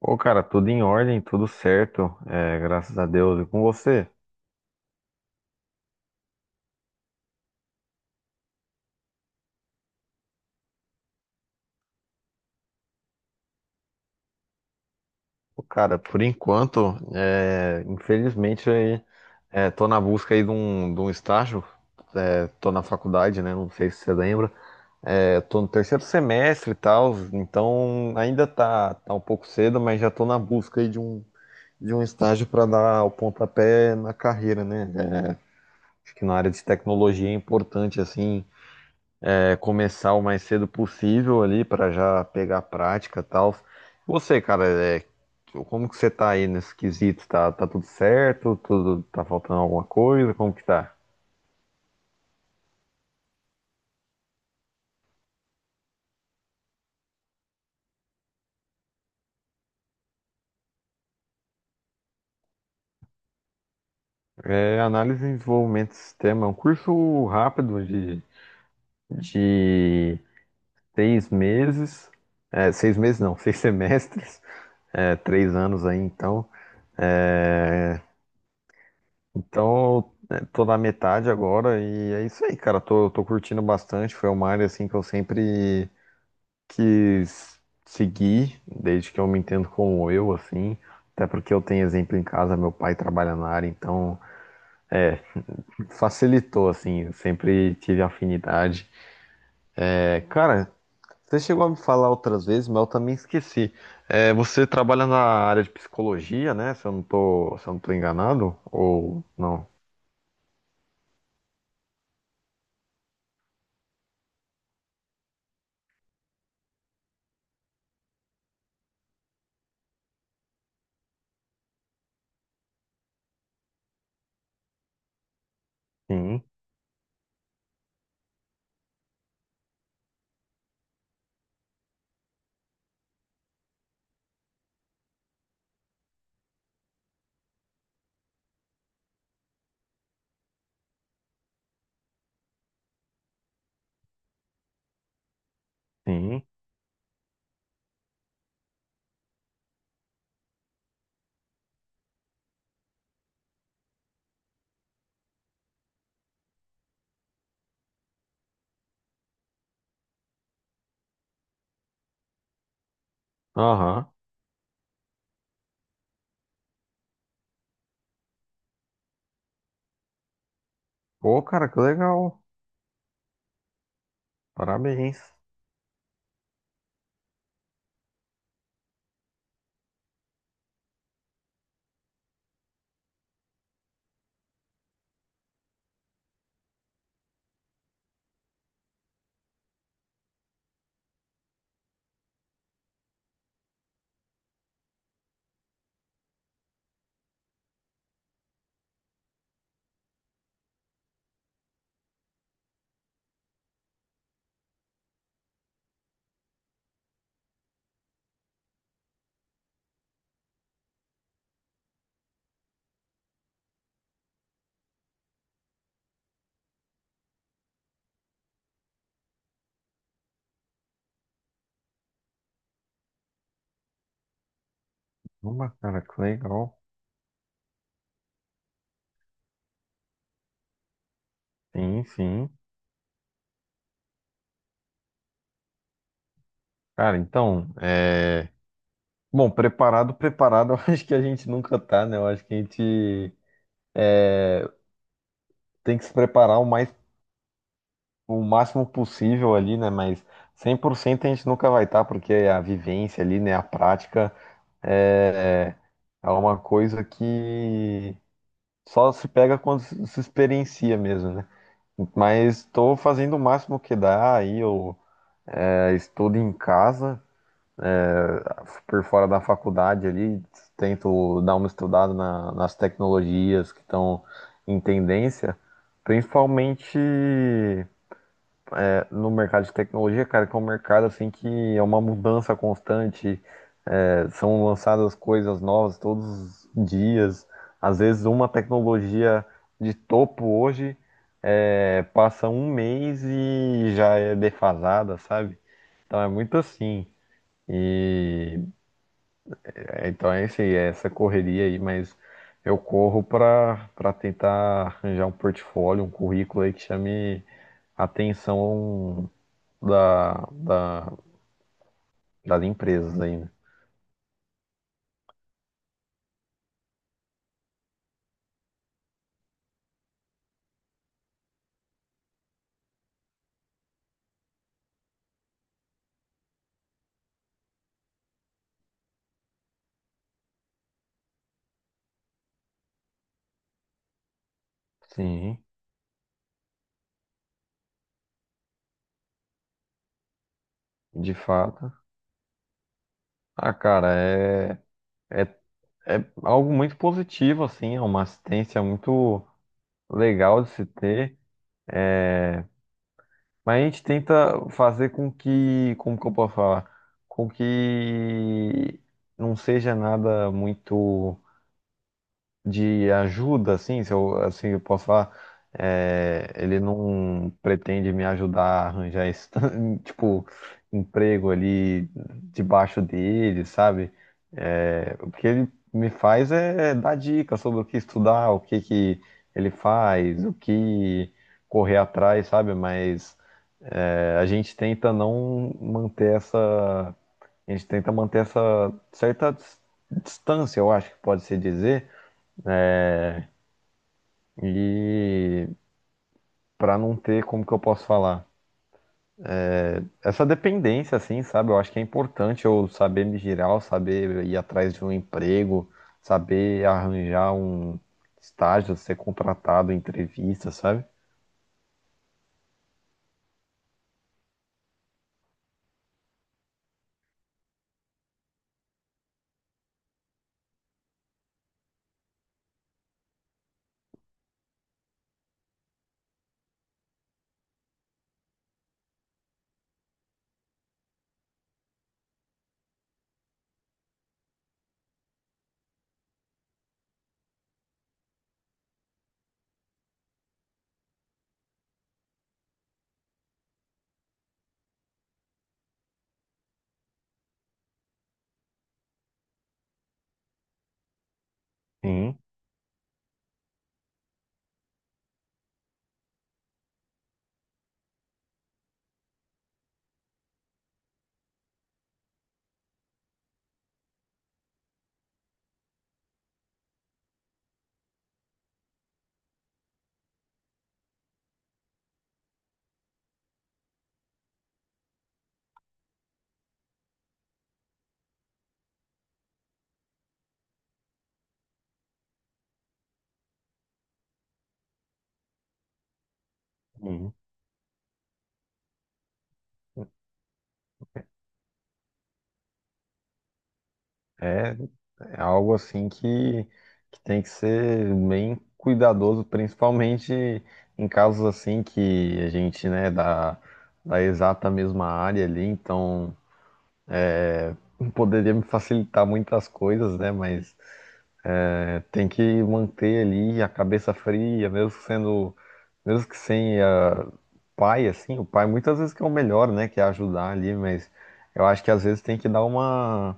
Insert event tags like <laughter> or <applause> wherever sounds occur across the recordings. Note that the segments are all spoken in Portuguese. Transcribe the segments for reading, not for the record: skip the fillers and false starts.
Ô, cara, tudo em ordem, tudo certo, graças a Deus. E com você? Ô, cara, por enquanto, infelizmente, aí, tô na busca aí de um estágio, tô na faculdade, né? Não sei se você lembra. Tô no terceiro semestre e tal, então ainda tá um pouco cedo, mas já tô na busca aí de um estágio para dar o pontapé na carreira, né? Acho que na área de tecnologia é importante, assim, começar o mais cedo possível ali para já pegar a prática e tal. Você, cara, como que você tá aí nesse quesito? Tá tudo certo? Tudo tá faltando alguma coisa? Como que tá? Análise e desenvolvimento de sistema é um curso rápido de 6 meses. Seis meses não, <laughs> 6 semestres. 3 anos aí, então. É, Então, tô na metade agora e é isso aí, cara. Tô curtindo bastante. Foi uma área assim que eu sempre quis seguir, desde que eu me entendo como eu, assim. Até porque eu tenho exemplo em casa, meu pai trabalha na área, então facilitou, assim. Eu sempre tive afinidade. Cara, você chegou a me falar outras vezes, mas eu também esqueci. Você trabalha na área de psicologia, né? Se eu não tô enganado, ou não? Sim, sim. Aham. Pô, cara, que legal. Parabéns. Uma, cara, que legal. Sim, sim. Cara, então. Bom, preparado, preparado, <laughs> eu acho que a gente nunca tá, né? Eu acho que a gente tem que se preparar o máximo possível ali, né? Mas 100% a gente nunca vai estar, porque a vivência ali, né? A prática é, é uma coisa que só se pega quando se experiencia mesmo, né? Mas estou fazendo o máximo que dá aí, eu estudo em casa, por fora da faculdade ali, tento dar uma estudada nas tecnologias que estão em tendência, principalmente no mercado de tecnologia, cara, que é um mercado assim que é uma mudança constante, são lançadas coisas novas todos os dias, às vezes uma tecnologia de topo hoje, é, passa um mês e já é defasada, sabe? Então é muito assim. E então é isso aí, é essa correria aí, mas eu corro para tentar arranjar um portfólio, um currículo aí que chame a atenção da, da, das empresas aí, né? Sim, de fato. Ah, cara, é, é algo muito positivo, assim, é uma assistência muito legal de se ter. Mas a gente tenta fazer com que, como que eu posso falar? Com que não seja nada muito de ajuda, assim, se eu, assim eu posso falar. Ele não pretende me ajudar a arranjar esse, <laughs> tipo, emprego ali debaixo dele, sabe? O que ele me faz é dar dicas sobre o que estudar, o que que ele faz, o que correr atrás, sabe? Mas a gente tenta não manter essa. A gente tenta manter essa certa distância, eu acho que pode se dizer, e para não ter, como que eu posso falar? Essa dependência, assim, sabe? Eu acho que é importante eu saber me girar, eu saber ir atrás de um emprego, saber arranjar um estágio, ser contratado, entrevista, sabe? Sim, sim. É É algo assim que tem que ser bem cuidadoso, principalmente em casos assim que a gente, né, da exata mesma área ali, então poderia me facilitar muitas coisas, né, mas tem que manter ali a cabeça fria, mesmo sendo, mesmo que sem ah, pai, assim, o pai muitas vezes que é o melhor, né, que é ajudar ali, mas eu acho que às vezes tem que dar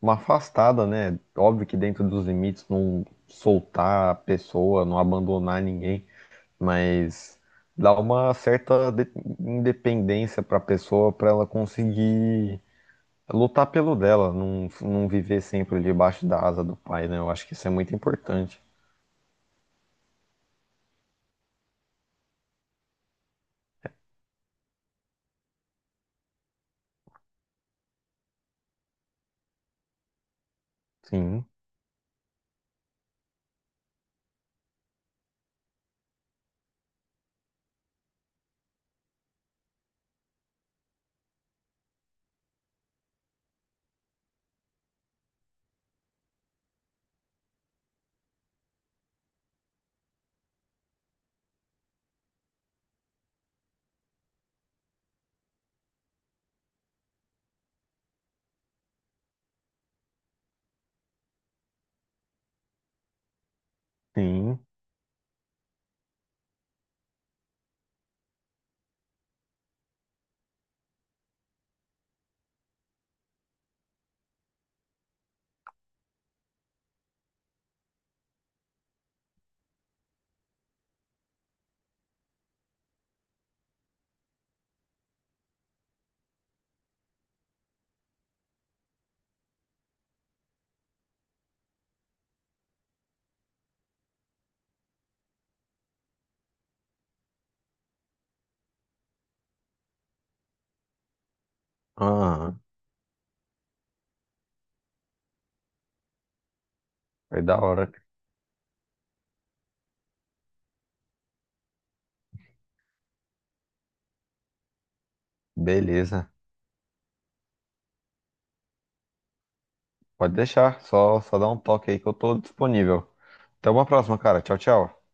uma afastada, né? Óbvio que dentro dos limites, não soltar a pessoa, não abandonar ninguém, mas dar uma certa independência para a pessoa, para ela conseguir lutar pelo dela, não, não viver sempre debaixo da asa do pai, né? Eu acho que isso é muito importante. Sim, sim. Ah, foi da hora. Beleza. Pode deixar. Só dá um toque aí que eu tô disponível. Até uma próxima, cara. Tchau, tchau.